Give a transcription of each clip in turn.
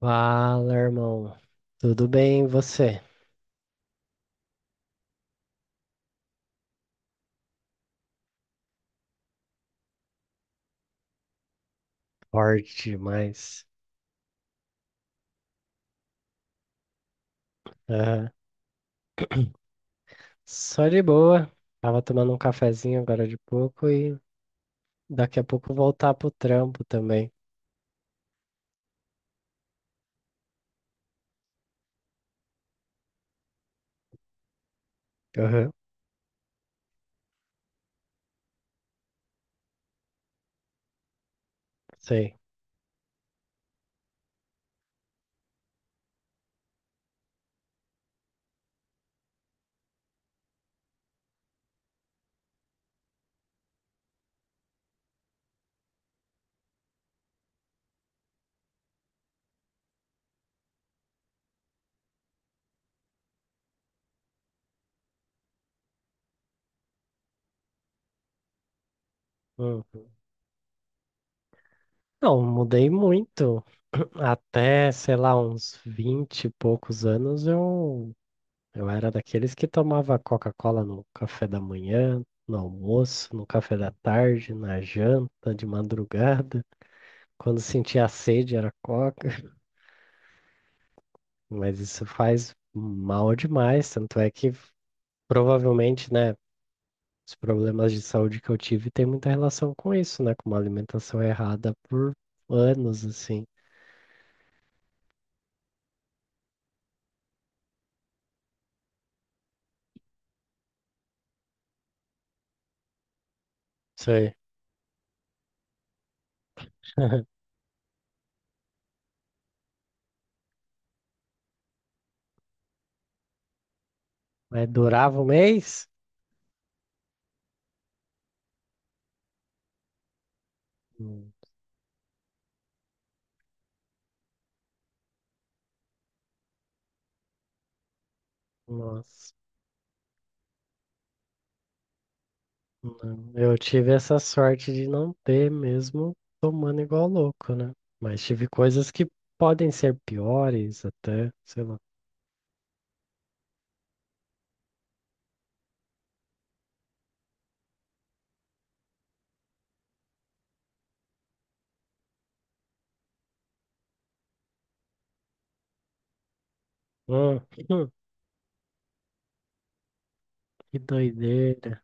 Fala, irmão. Tudo bem, e você? Forte demais. Aham. Só de boa. Tava tomando um cafezinho agora de pouco e daqui a pouco voltar pro trampo também. Aham. Sei. Uhum. Não, mudei muito. Até, sei lá, uns 20 e poucos anos eu era daqueles que tomava Coca-Cola no café da manhã, no almoço, no café da tarde, na janta, de madrugada. Quando sentia sede era Coca. Mas isso faz mal demais, tanto é que provavelmente, né, os problemas de saúde que eu tive tem muita relação com isso, né, com uma alimentação errada por anos, assim. Sei. Mas durava um mês? Hum. Nossa, não. Eu tive essa sorte de não ter mesmo tomando igual louco, né? Mas tive coisas que podem ser piores até, sei lá. Hum. Hum, que doideira.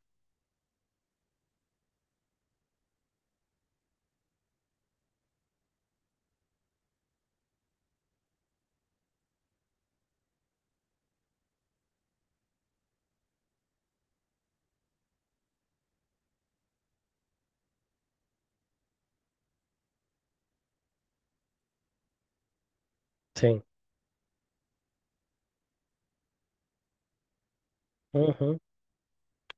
Sim. Uhum.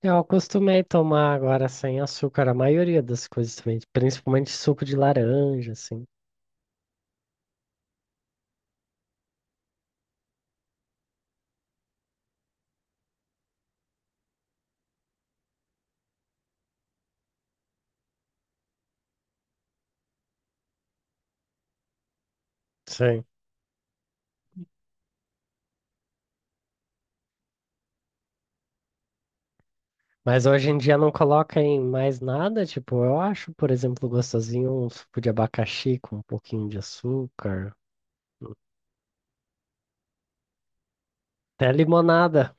Eu acostumei tomar agora sem açúcar a maioria das coisas também, principalmente suco de laranja, assim. Sim. Mas hoje em dia não coloca em mais nada, tipo, eu acho, por exemplo, gostosinho um suco de abacaxi com um pouquinho de açúcar, até limonada.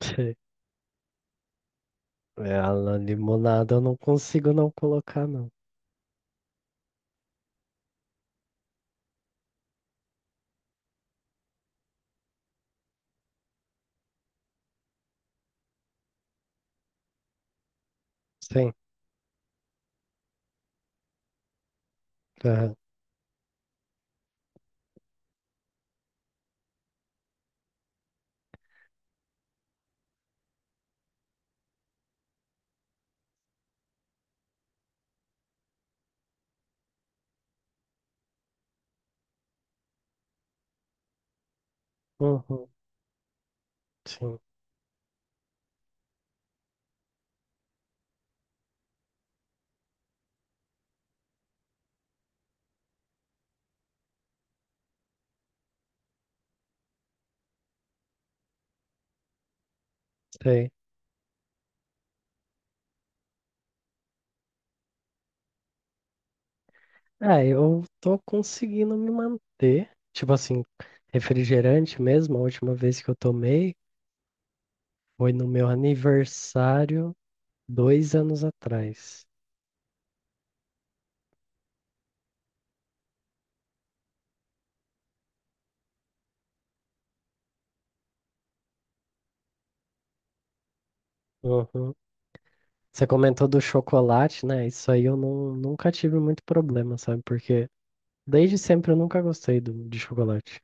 É, a limonada eu não consigo não colocar, não. Sim. Aham. Uhum. Sim. Sei. É, eu tô conseguindo me manter. Tipo assim, refrigerante mesmo, a última vez que eu tomei. Foi no meu aniversário 2 anos atrás. Uhum. Você comentou do chocolate, né? Isso aí eu não, nunca tive muito problema, sabe? Porque desde sempre eu nunca gostei de chocolate.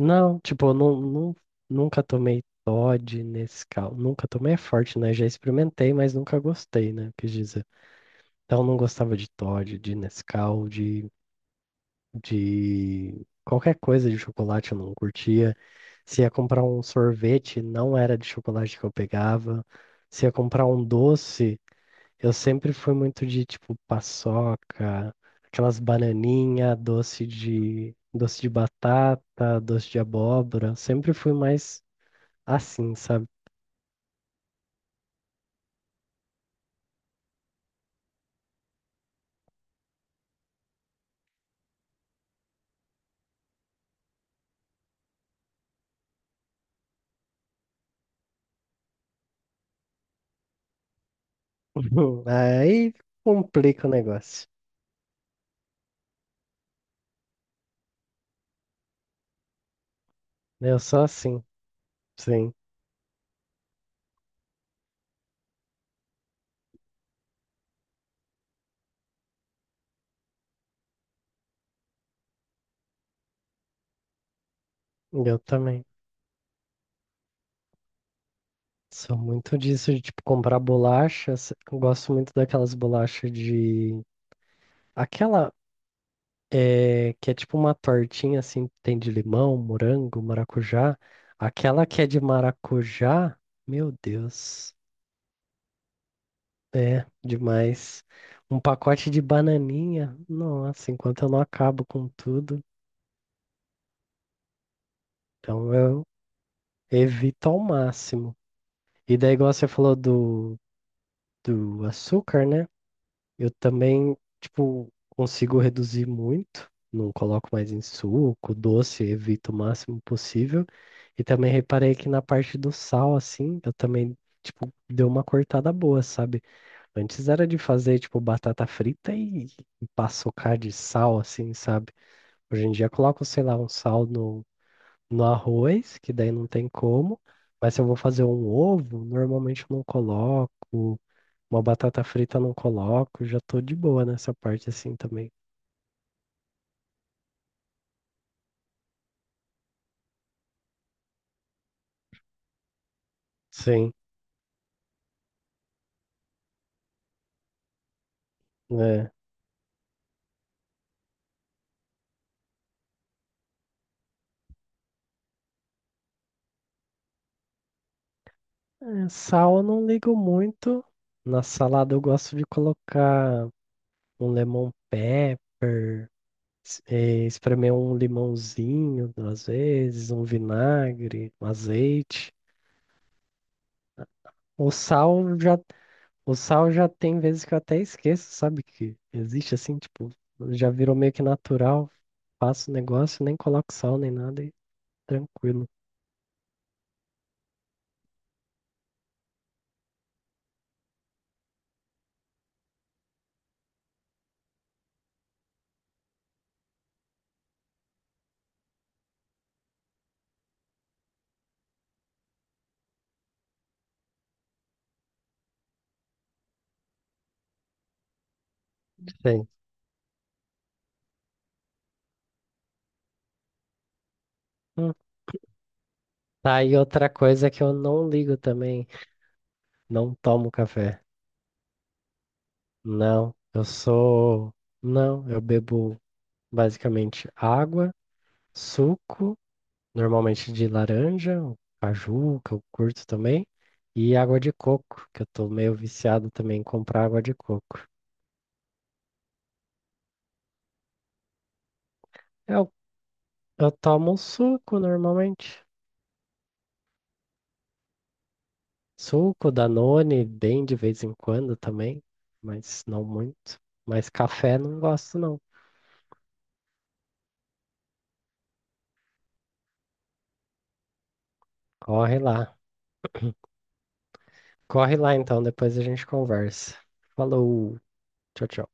Não, tipo, eu nunca tomei Toddy, Nescau. Nunca tomei é forte, né? Já experimentei, mas nunca gostei, né? Quis dizer. Então eu não gostava de Toddy, de Nescau, de qualquer coisa de chocolate eu não curtia. Se ia comprar um sorvete, não era de chocolate que eu pegava. Se ia comprar um doce, eu sempre fui muito de tipo paçoca, aquelas bananinha, doce de batata, doce de abóbora. Sempre fui mais assim, sabe? Aí complica o negócio. Eu sou assim, sim, eu também. Sou muito disso de tipo comprar bolachas. Gosto muito daquelas bolachas de aquela. É, que é tipo uma tortinha assim, tem de limão, morango, maracujá. Aquela que é de maracujá, meu Deus, é demais. Um pacote de bananinha, nossa, enquanto eu não acabo com tudo, então eu evito ao máximo. E daí, igual você falou do açúcar, né? Eu também, tipo, consigo reduzir muito, não coloco mais em suco, doce, evito o máximo possível. E também reparei que na parte do sal, assim, eu também, tipo, deu uma cortada boa, sabe? Antes era de fazer, tipo, batata frita e paçocar de sal, assim, sabe? Hoje em dia eu coloco, sei lá, um sal no arroz, que daí não tem como. Mas se eu vou fazer um ovo, normalmente eu não coloco. Uma batata frita eu não coloco, já tô de boa nessa parte assim também. Sim, é. É, sal eu não ligo muito. Na salada eu gosto de colocar um lemon pepper, espremer um limãozinho, às vezes, um vinagre, um azeite. O sal já, o sal já tem vezes que eu até esqueço, sabe? Que existe assim, tipo, já virou meio que natural. Faço o negócio, nem coloco sal nem nada e tranquilo. Sim. Tá aí outra coisa que eu não ligo também. Não tomo café. Não, eu sou. Não, eu bebo basicamente água, suco, normalmente de laranja, ou caju, que eu curto também, e água de coco, que eu tô meio viciado também em comprar água de coco. Eu, eu tomo suco normalmente. Suco, Danone, bem de vez em quando também, mas não muito. Mas café não gosto, não. Corre lá. Corre lá então, depois a gente conversa. Falou, tchau, tchau.